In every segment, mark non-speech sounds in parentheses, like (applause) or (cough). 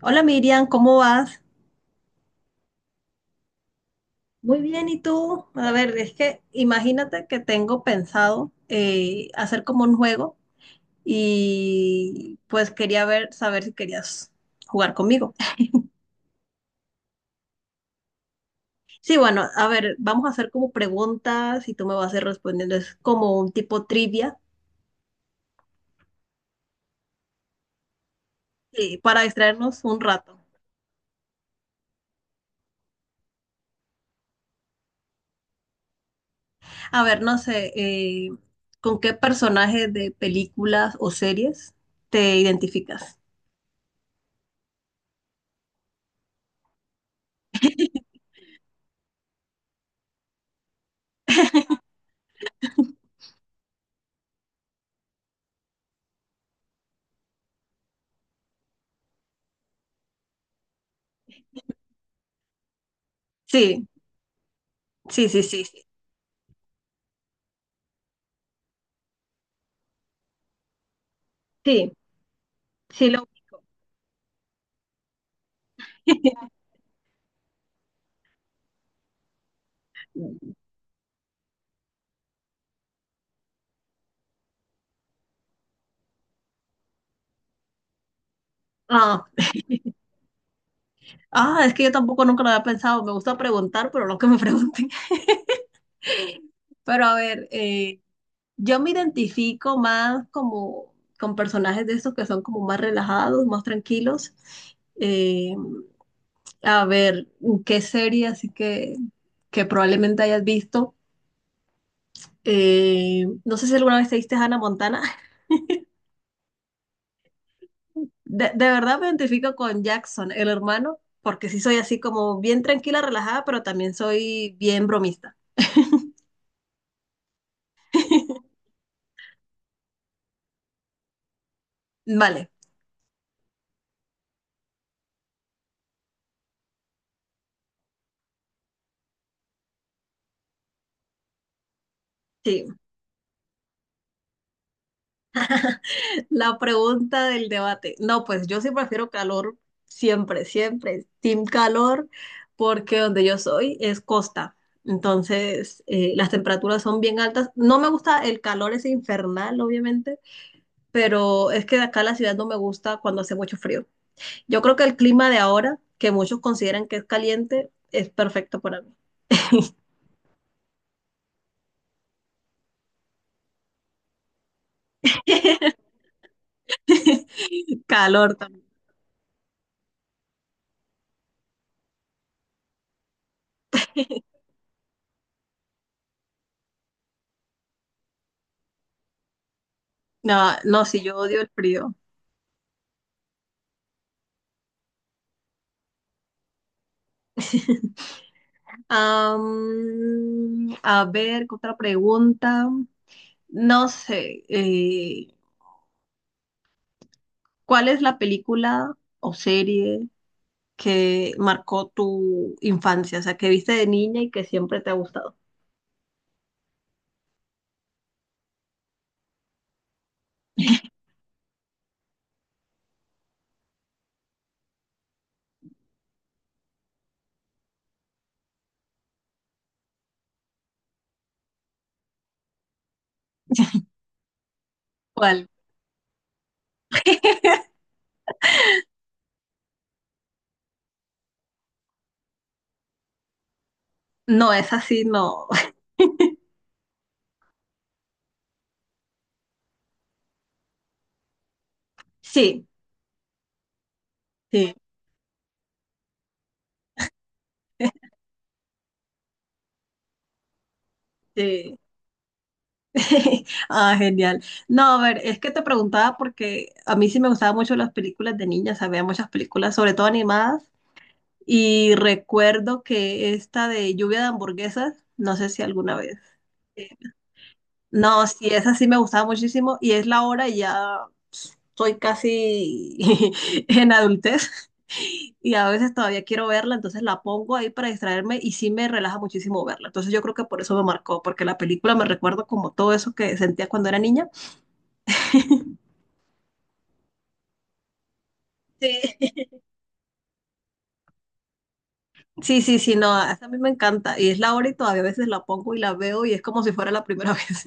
Hola Miriam, ¿cómo vas? Muy bien, ¿y tú? A ver, es que imagínate que tengo pensado hacer como un juego y pues quería ver, saber si querías jugar conmigo. (laughs) Sí, bueno, a ver, vamos a hacer como preguntas y tú me vas a ir respondiendo. Es como un tipo trivia para distraernos un rato. A ver, no sé, ¿con qué personaje de películas o series te identificas? Sí, sí, sí, sí, sí, sí, sí, lo ubico. (laughs) Ah, ah, es que yo tampoco nunca lo había pensado. Me gusta preguntar, pero no que me pregunten. (laughs) Pero a ver, yo me identifico más como con personajes de estos que son como más relajados, más tranquilos. Eh, a ver, ¿qué serie así que probablemente hayas visto? No sé si alguna vez te viste Hannah Montana. (laughs) De verdad me identifico con Jackson, el hermano, porque sí soy así como bien tranquila, relajada, pero también soy bien bromista. (laughs) Vale, sí. (laughs) La pregunta del debate. No, pues yo sí prefiero calor siempre, siempre. Team calor, porque donde yo soy es costa. Entonces, las temperaturas son bien altas. No me gusta el calor, es infernal, obviamente, pero es que de acá la ciudad no me gusta cuando hace mucho frío. Yo creo que el clima de ahora, que muchos consideran que es caliente, es perfecto para mí. (laughs) Calor también. No, no, sí, yo odio el frío. (laughs) A ver, ¿qué otra pregunta? No sé, ¿cuál es la película o serie que marcó tu infancia? O sea, que viste de niña y que siempre te ha gustado. (laughs) ¿Cuál? No, es así, no. (laughs) Sí, sí, sí. (laughs) Ah, genial. No, a ver, es que te preguntaba porque a mí sí me gustaban mucho las películas de niña, o sea, veía muchas películas, sobre todo animadas. Y recuerdo que esta de lluvia de hamburguesas, no sé si alguna vez. eh, No, sí, esa sí me gustaba muchísimo y es la hora y ya soy casi (laughs) en adultez y a veces todavía quiero verla, entonces la pongo ahí para distraerme y sí me relaja muchísimo verla. Entonces yo creo que por eso me marcó, porque la película me recuerdo como todo eso que sentía cuando era niña. Sí. (laughs) Sí, sí, sí, no, esa a mí me encanta y es la hora y todavía a veces la pongo y la veo y es como si fuera la primera (laughs) vez.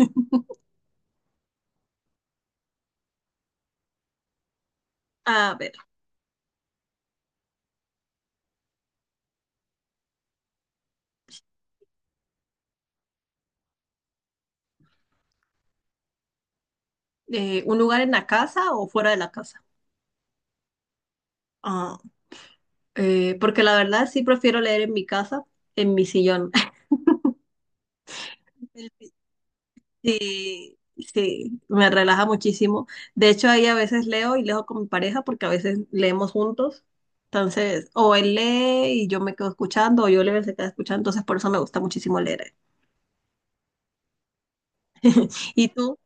A ver. ¿Un lugar en la casa o fuera de la casa? Ah, porque la verdad sí prefiero leer en mi casa, en mi sillón. (laughs) El- Sí, sí, me relaja muchísimo. De hecho, ahí a veces leo y leo con mi pareja porque a veces leemos juntos. Entonces, o él lee y yo me quedo escuchando, o yo leo y él se queda escuchando. Entonces, por eso me gusta muchísimo leer. ¿Y tú?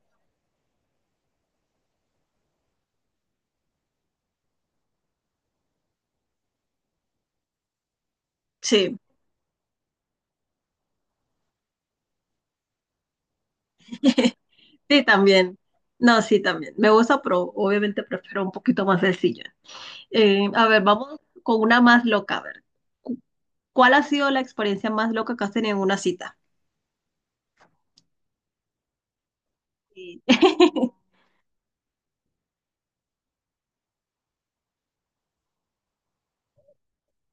Sí, (laughs) sí, también. No, sí, también. Me gusta, pero obviamente prefiero un poquito más sencillo. A ver, vamos con una más loca. A ver, Cu- ¿cuál ha sido la experiencia más loca que has tenido en una cita? Sí. (laughs)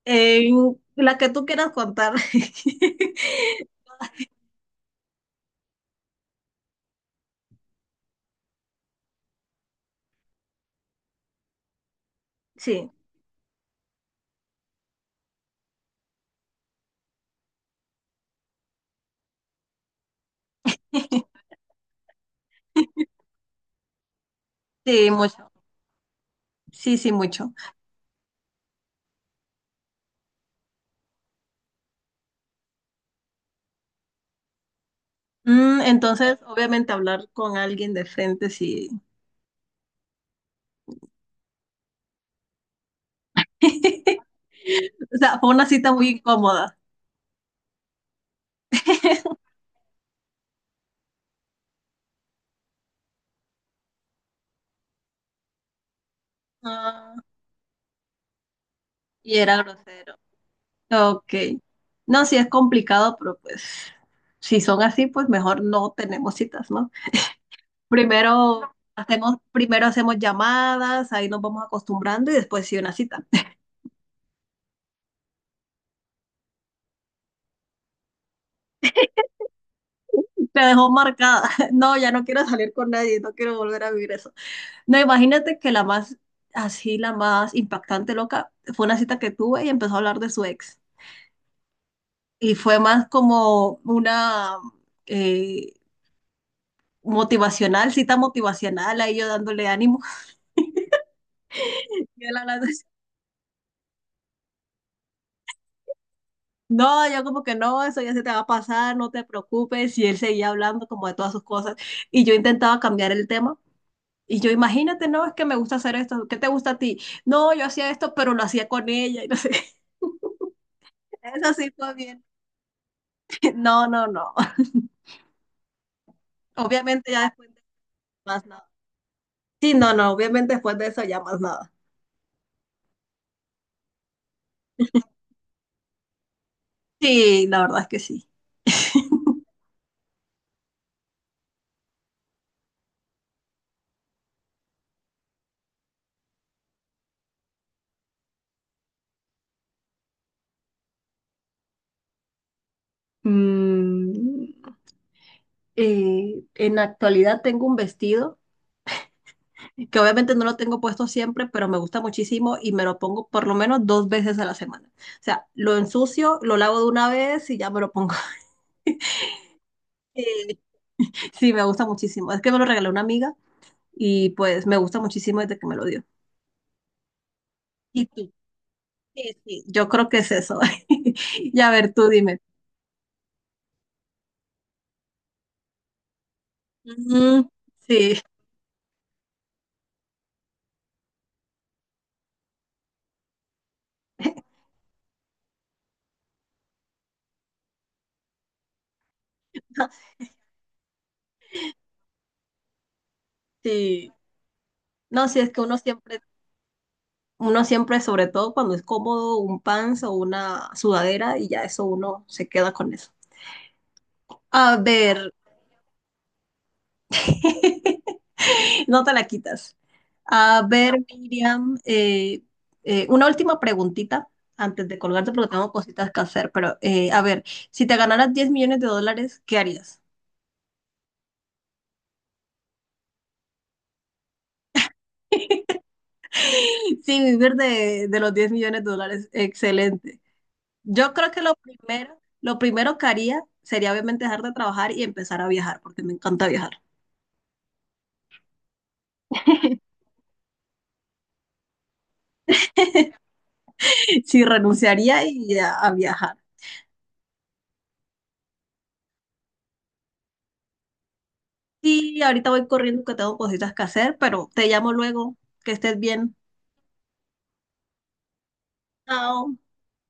En la que tú quieras contar. (laughs) Sí, sí, mucho. Sí, sí, mucho. Mm, entonces, obviamente, hablar con alguien de frente, sí. (laughs) O sea, fue una cita muy incómoda. (laughs) Ah, y era grosero. Ok. No, sí es complicado, pero pues si son así, pues mejor no tenemos citas, ¿no? Primero hacemos llamadas, ahí nos vamos acostumbrando y después sí una cita. (laughs) Me dejó marcada. (laughs) No, ya no quiero salir con nadie, no quiero volver a vivir eso. No, imagínate que la más, así la más impactante, loca, fue una cita que tuve y empezó a hablar de su ex. Y fue más como una eh, motivacional, cita motivacional, ahí yo dándole ánimo. (laughs) Y él hablando. No, yo como que no, eso ya se te va a pasar, no te preocupes. Y él seguía hablando como de todas sus cosas. Y yo intentaba cambiar el tema. Y yo, imagínate, no, es que me gusta hacer esto. ¿Qué te gusta a ti? No, yo hacía esto, pero lo hacía con ella. Y no sé. (laughs) Eso sí fue bien. (laughs) No, no, no. (laughs) Obviamente ya después de más nada. Sí, no, no, obviamente después de eso ya más nada. Sí, la verdad es que sí. Mm, en la actualidad tengo un vestido. Que obviamente no lo tengo puesto siempre, pero me gusta muchísimo y me lo pongo por lo menos dos veces a la semana. O sea, lo ensucio, lo lavo de una vez y ya me lo pongo. (laughs) Eh, Sí, me gusta muchísimo. Es que me lo regaló una amiga y pues me gusta muchísimo desde que me lo dio. ¿Y tú? Sí, sí, yo creo que es eso. (laughs) Y a ver, tú dime. Mm, sí. (laughs) Sí, no, sí, es que uno siempre, sobre todo cuando es cómodo, un pants o una sudadera y ya eso uno se queda con eso. A ver, (laughs) no te la quitas. A ver, Miriam, una última preguntita antes de colgarte porque tengo cositas que hacer, pero a ver, si te ganaras 10 millones de dólares, ¿qué harías? (laughs) Sí, vivir de los 10 millones de dólares, excelente. Yo creo que lo primero que haría sería obviamente dejar de trabajar y empezar a viajar, porque me encanta viajar. (laughs) Sí, renunciaría y a viajar. Sí, ahorita voy corriendo que tengo cositas que hacer, pero te llamo luego, que estés bien. Chao.